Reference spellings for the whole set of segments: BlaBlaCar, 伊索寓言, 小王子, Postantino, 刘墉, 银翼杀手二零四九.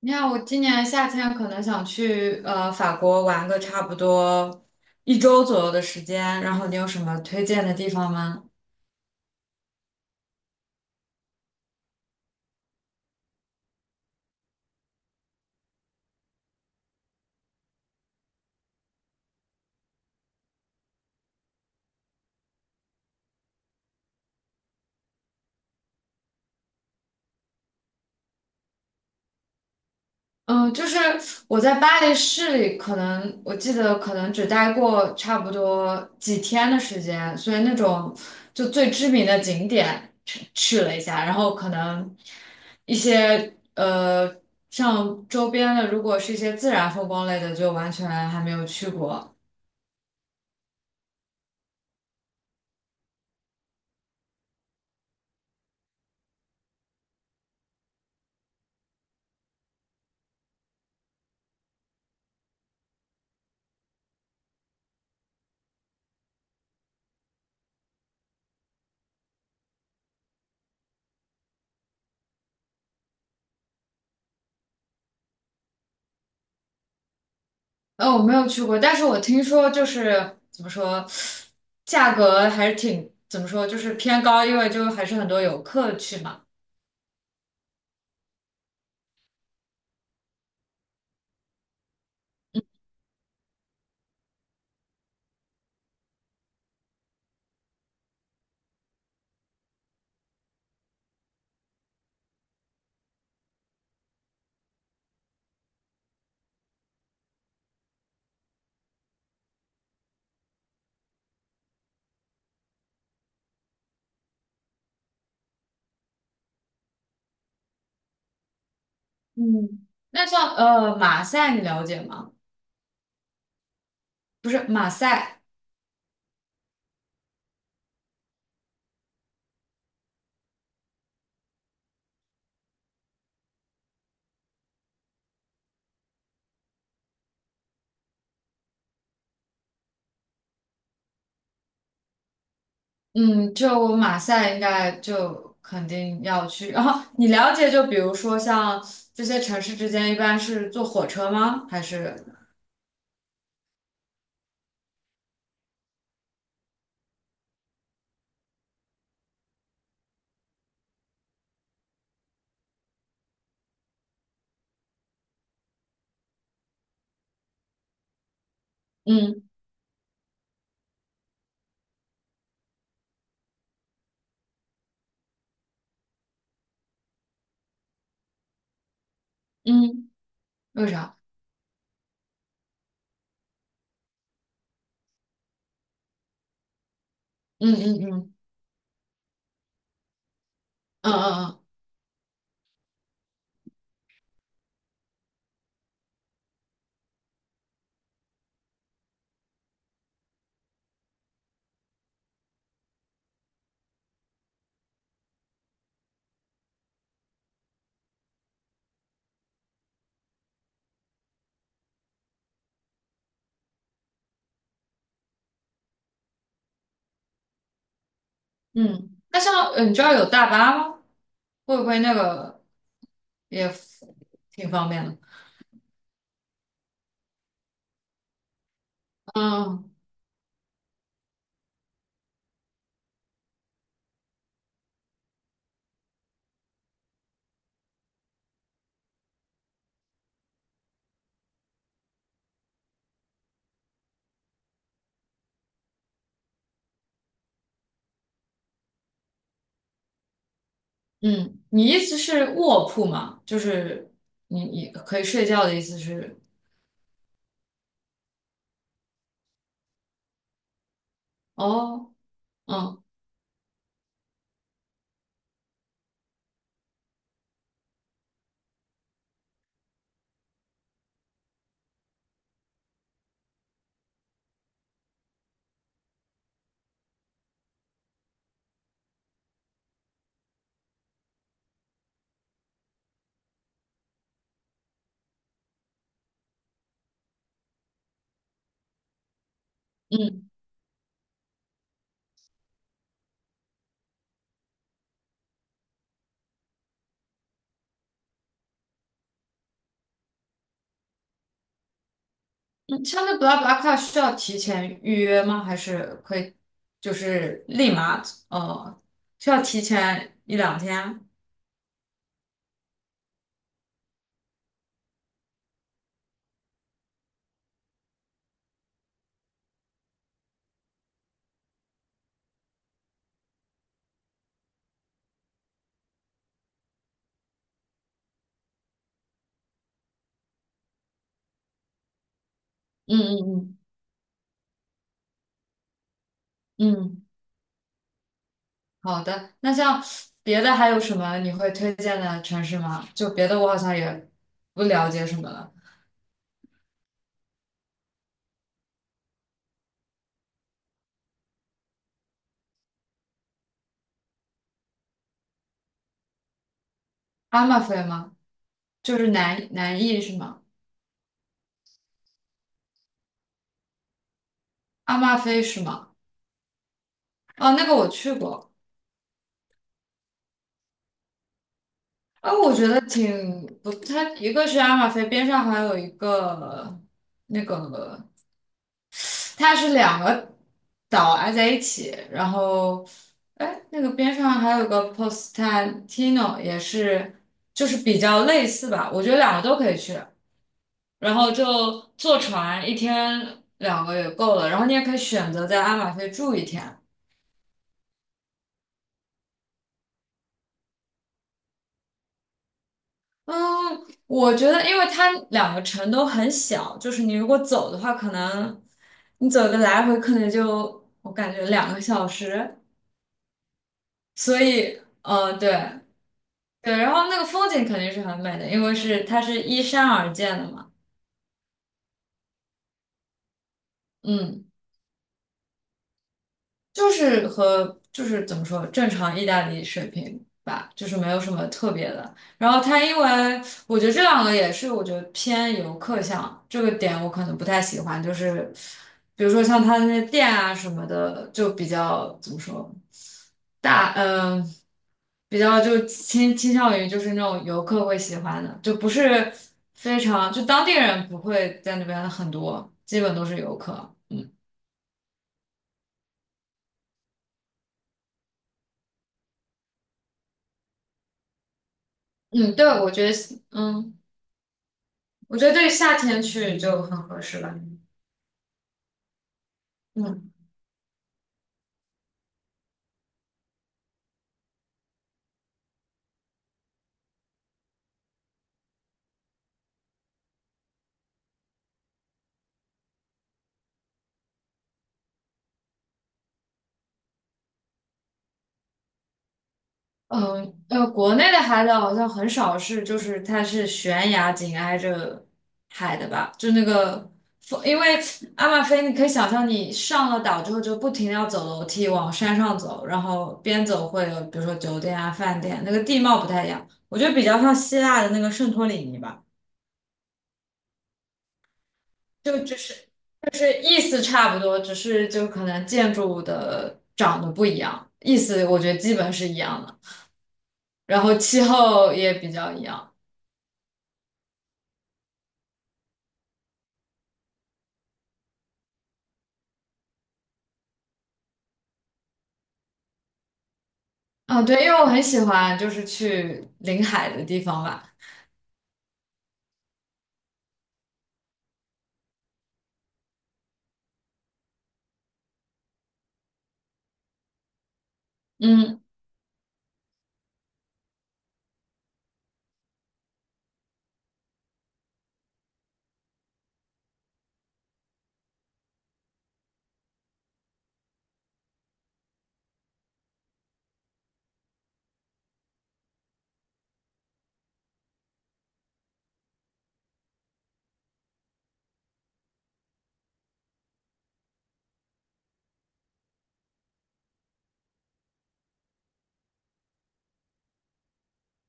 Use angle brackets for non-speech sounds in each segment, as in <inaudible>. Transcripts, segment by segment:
你看，我今年夏天可能想去法国玩个差不多一周左右的时间，然后你有什么推荐的地方吗？嗯，就是我在巴黎市里，可能我记得可能只待过差不多几天的时间，所以那种就最知名的景点去了一下，然后可能一些像周边的，如果是一些自然风光类的，就完全还没有去过。我没有去过，但是我听说就是怎么说，价格还是挺怎么说，就是偏高，因为就还是很多游客去嘛。嗯，那像马赛你了解吗？不是马赛。嗯，就马赛应该就肯定要去。然后你了解，就比如说像这些城市之间一般是坐火车吗？还是嗯嗯，为啥？嗯嗯嗯。嗯嗯嗯。嗯，那像你知道有大巴吗？会不会那个也挺方便的？嗯。嗯，你意思是卧铺吗？就是你可以睡觉的意思是？哦。嗯嗯嗯。像那 BlaBlaCar 需要提前预约吗？还是可以就是立马？哦，需要提前一两天？嗯嗯嗯嗯。好的，那像别的还有什么你会推荐的城市吗？就别的我好像也不了解什么了。阿马菲吗？就是南南艺是吗？阿马菲是吗？哦，那个我去过。啊，我觉得挺不，它一个是阿马菲边上还有一个那个，它是两个岛挨在一起，然后哎，那个边上还有个 Postantino 也是，就是比较类似吧，我觉得两个都可以去。然后就坐船一天两个也够了，然后你也可以选择在阿马菲住一天。嗯，我觉得因为它两个城都很小，就是你如果走的话，可能你走个来回可能就我感觉两个小时，所以嗯，对对，然后那个风景肯定是很美的，因为是它是依山而建的嘛。嗯。就是和就是怎么说正常意大利水平吧，就是没有什么特别的。然后它因为我觉得这两个也是我觉得偏游客向这个点，我可能不太喜欢。就是比如说像它那些店啊什么的，就比较怎么说大嗯、比较就倾向于就是那种游客会喜欢的，就不是非常就当地人不会在那边很多，基本都是游客。嗯。嗯，对，我觉得嗯。我觉得对夏天去就很合适了。嗯。国内的海岛好像很少是，就是它是悬崖紧挨着海的吧？就那个风，因为阿马菲，你可以想象你上了岛之后就不停的要走楼梯往山上走，然后边走会有比如说酒店啊、饭店，那个地貌不太一样。我觉得比较像希腊的那个圣托里尼吧，就就是就是意思差不多，只是就可能建筑的长得不一样，意思我觉得基本是一样的。然后气候也比较一样。啊，对，因为我很喜欢就是去临海的地方吧。嗯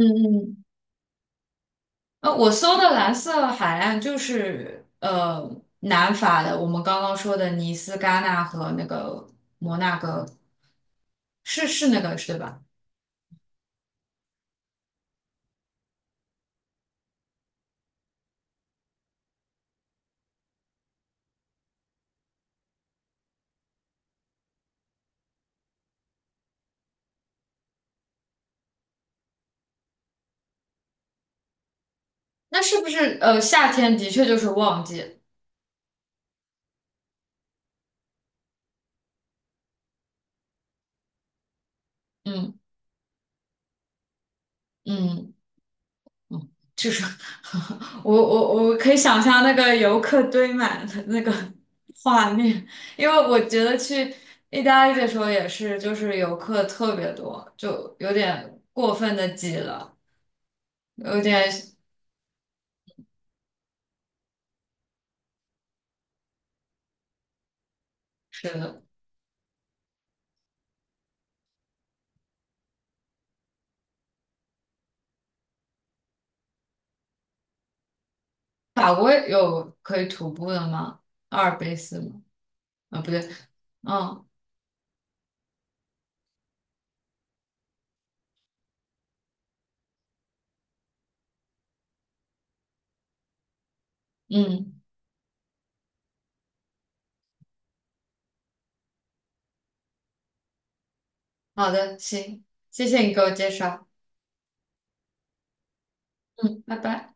嗯嗯。我搜的蓝色海岸就是南法的，我们刚刚说的尼斯、戛纳和那个摩纳哥，是是那个是对吧？那是不是夏天的确就是旺季？嗯嗯。嗯，就是 <laughs> 我可以想象那个游客堆满的那个画面，因为我觉得去意大利的时候也是，就是游客特别多，就有点过分的挤了，有点是的。法国有可以徒步的吗？阿尔卑斯吗？啊，不对。嗯嗯，好的，行，谢谢你给我介绍。嗯，拜拜。